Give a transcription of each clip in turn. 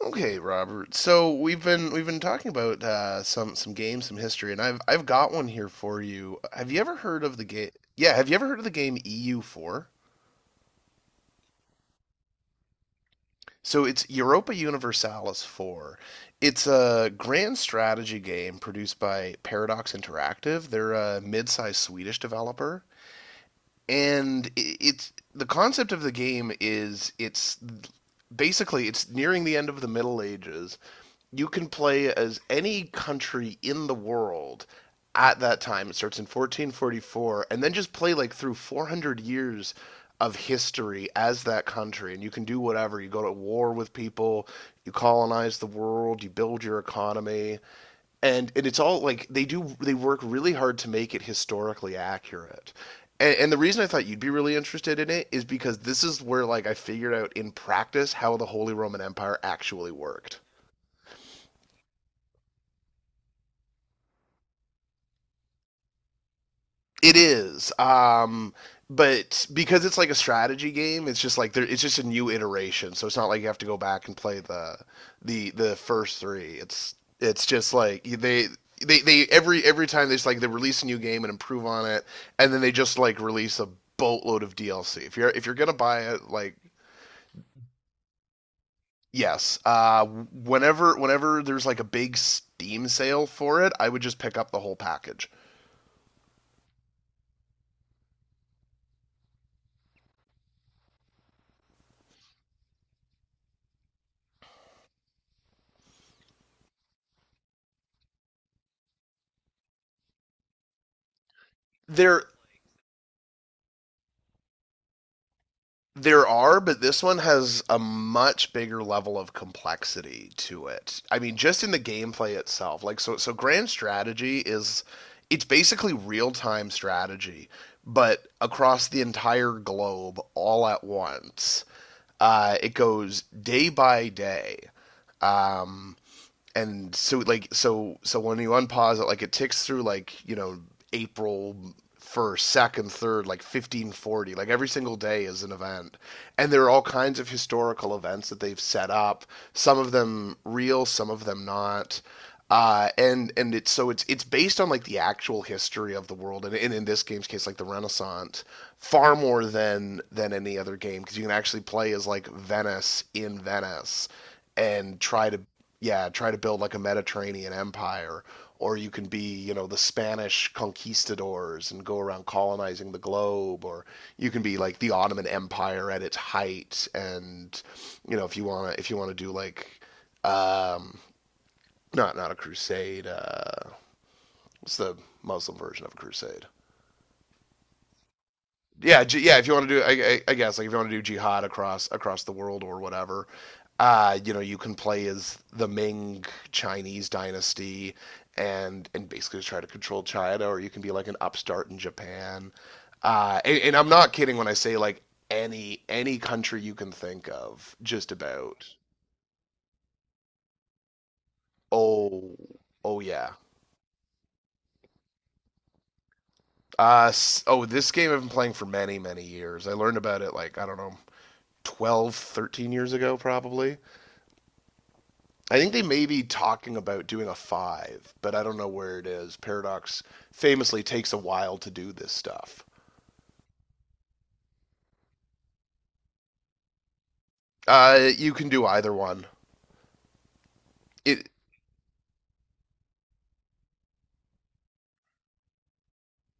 Okay, Robert. So we've been talking about some games, some history, and I've got one here for you. Have you ever heard of the game? Yeah, have you ever heard of the game EU4? So it's Europa Universalis 4. It's a grand strategy game produced by Paradox Interactive. They're a mid-sized Swedish developer, and it's the concept of the game is it's basically it's nearing the end of the Middle Ages. You can play as any country in the world at that time. It starts in 1444, and then just play like through 400 years of history as that country. And you can do whatever. You go to war with people, you colonize the world, you build your economy and it's all like they work really hard to make it historically accurate and the reason I thought you'd be really interested in it is because this is where like I figured out in practice how the Holy Roman Empire actually worked. It is. But because it's like a strategy game, it's just like it's just a new iteration. So it's not like you have to go back and play the first three. It's just like they every time they just like they release a new game and improve on it, and then they just like release a boatload of DLC. If you're gonna buy it, like yes, whenever there's like a big Steam sale for it, I would just pick up the whole package. There There are, but this one has a much bigger level of complexity to it. I mean, just in the gameplay itself. Like so grand strategy is it's basically real-time strategy, but across the entire globe all at once. It goes day by day, and so like so when you unpause it, like it ticks through like you know April 1st, second, third, like 1540. Like every single day is an event, and there are all kinds of historical events that they've set up. Some of them real, some of them not. And it's it's based on like the actual history of the world, and in this game's case, like the Renaissance, far more than any other game because you can actually play as like Venice in Venice and try to yeah, try to build like a Mediterranean empire, or you can be, you know, the Spanish conquistadors and go around colonizing the globe, or you can be like the Ottoman Empire at its height, and you know, if you wanna do like, um, not a crusade, what's the Muslim version of a crusade? Yeah, yeah. If you want to do, guess, like if you want to do jihad across the world or whatever, you know, you can play as the Ming Chinese dynasty and basically just try to control China, or you can be like an upstart in Japan. And I'm not kidding when I say like any country you can think of, just about. Oh, oh yeah. This game I've been playing for many years. I learned about it like I don't know, 12, 13 years ago probably. I think they may be talking about doing a five, but I don't know where it is. Paradox famously takes a while to do this stuff. You can do either one. It,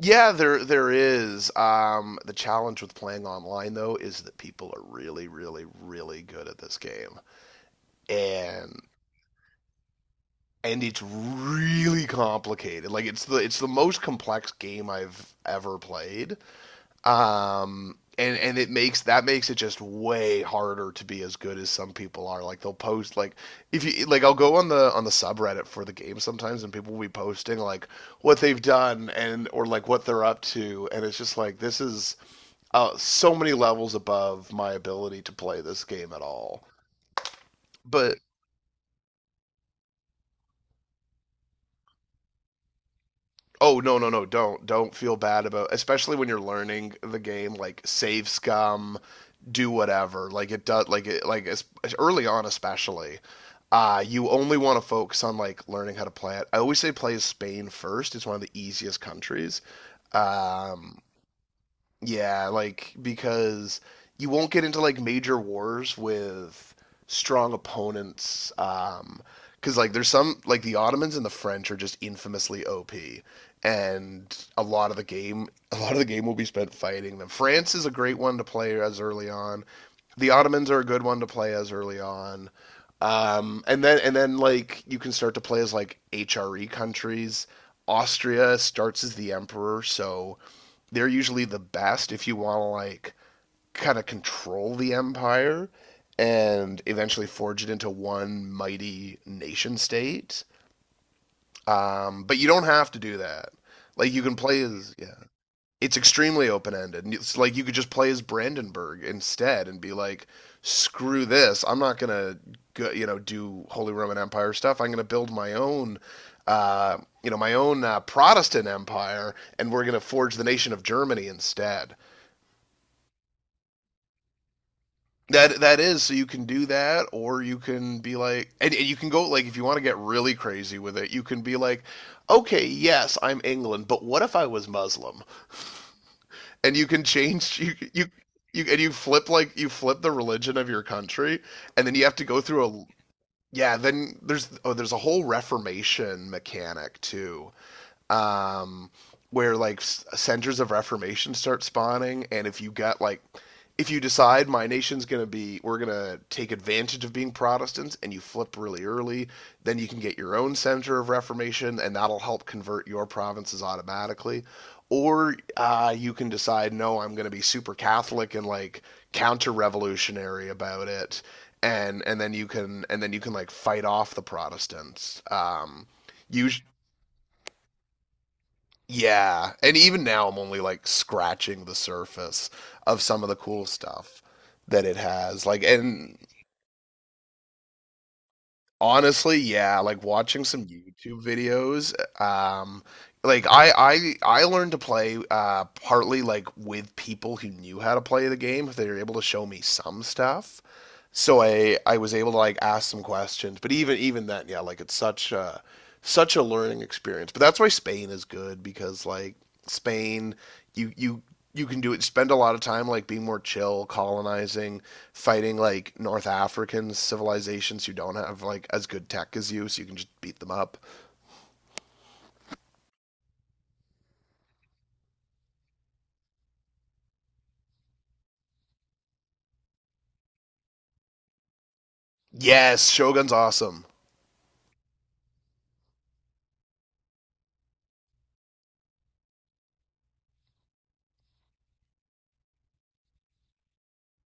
yeah, there is. The challenge with playing online though is that people are really, really, really good at this game, and and it's really complicated. Like it's the most complex game I've ever played. And it makes that makes it just way harder to be as good as some people are. Like they'll post like if you like I'll go on the subreddit for the game sometimes and people will be posting like what they've done and or like what they're up to and it's just like this is so many levels above my ability to play this game at all. But Oh no no no! Don't feel bad about, especially when you're learning the game. Like save scum, do whatever. Like it does. Early on, especially. You only want to focus on like learning how to play it. I always say play Spain first. It's one of the easiest countries. Um, yeah, like because you won't get into like major wars with strong opponents. Because like there's some like the Ottomans and the French are just infamously OP, and a lot of the game, a lot of the game will be spent fighting them. France is a great one to play as early on. The Ottomans are a good one to play as early on. And then like you can start to play as like HRE countries. Austria starts as the emperor, so they're usually the best if you want to like kind of control the empire and eventually forge it into one mighty nation state. But you don't have to do that. Like you can play as yeah, it's extremely open ended. It's like you could just play as Brandenburg instead and be like, screw this, I'm not gonna you know do Holy Roman Empire stuff. I'm gonna build my own. Uh, you know my own Protestant empire, and we're going to forge the nation of Germany instead. That is so you can do that, or you can be like, and you can go like if you want to get really crazy with it, you can be like, okay, yes, I'm England, but what if I was Muslim? And you can change you and you flip like you flip the religion of your country, and then you have to go through a yeah. Then there's oh there's a whole Reformation mechanic too, um, where like centers of reformation start spawning, and if you got like, if you decide my nation's gonna be, we're gonna take advantage of being Protestants, and you flip really early, then you can get your own center of reformation, and that'll help convert your provinces automatically. Or you can decide, no, I'm going to be super Catholic and like counter-revolutionary about it, and then you can like fight off the Protestants. Us- yeah, and even now I'm only like scratching the surface of some of the cool stuff that it has. Like, and honestly, yeah, like watching some YouTube videos, um, like I learned to play partly like with people who knew how to play the game if they were able to show me some stuff. So I was able to like ask some questions, but even then, yeah, like it's such a learning experience. But that's why Spain is good because like Spain, you you you can do it. Spend a lot of time like being more chill, colonizing, fighting like North African civilizations who don't have like as good tech as you, so you can just beat them up. Yes, Shogun's awesome.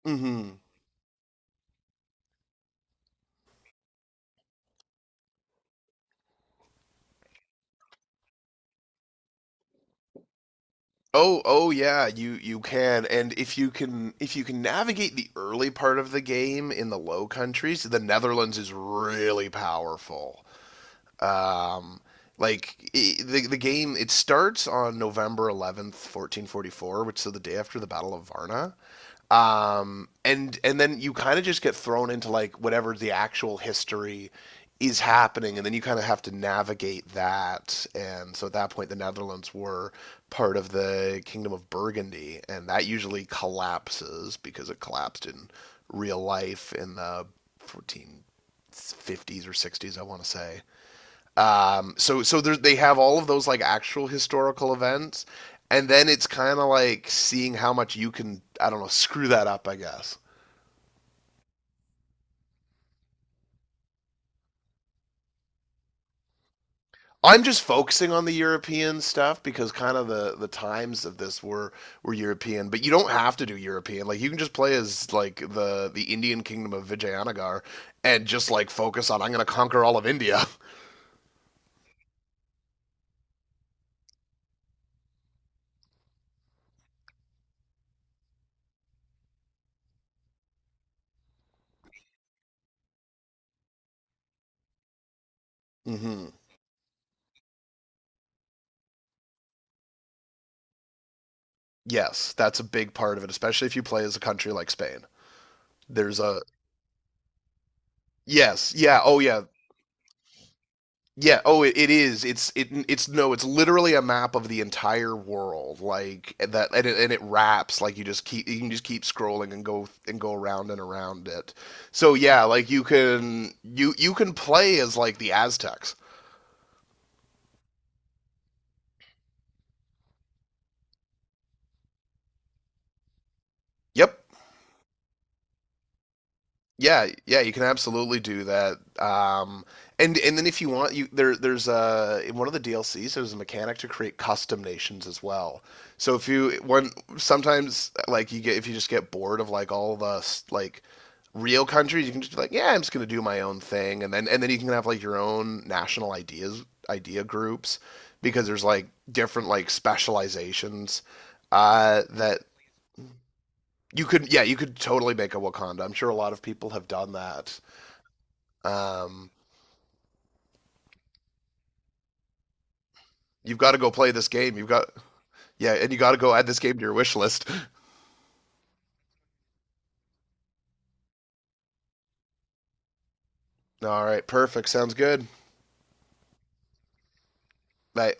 Mm-hmm. Oh, oh yeah, you can, and if you can navigate the early part of the game in the Low Countries, the Netherlands is really powerful. Um, like I the game, it starts on November 11th, 1444, which is the day after the Battle of Varna, and then you kind of just get thrown into like whatever the actual history is happening, and then you kind of have to navigate that. And so at that point, the Netherlands were part of the Kingdom of Burgundy, and that usually collapses because it collapsed in real life in the 1450s or 60s, I want to say. So they have all of those like actual historical events, and then it's kind of like seeing how much you can I don't know screw that up. I guess I'm just focusing on the European stuff because kind of the times of this were European, but you don't have to do European. Like you can just play as like the Indian kingdom of Vijayanagar and just like focus on I'm going to conquer all of India. hmm Yes, that's a big part of it, especially if you play as a country like Spain. There's a yes, yeah, oh yeah, yeah. Oh, it is. It's no. It's literally a map of the entire world. Like and that, and it wraps. Like you just keep you can just keep scrolling and go around and around it. So yeah, like you can play as like the Aztecs. Yep. Yeah, yeah, you can absolutely do that. And then if you want, you there's a in one of the DLCs there's a mechanic to create custom nations as well. So if you one sometimes like you get if you just get bored of like all the like real countries, you can just be like, yeah, I'm just gonna do my own thing, and then you can have like your own national ideas idea groups because there's like different like specializations that you could yeah you could totally make a Wakanda. I'm sure a lot of people have done that um, you've got to go play this game. You've got yeah, and you got to go add this game to your wish list. All right, perfect. Sounds good. I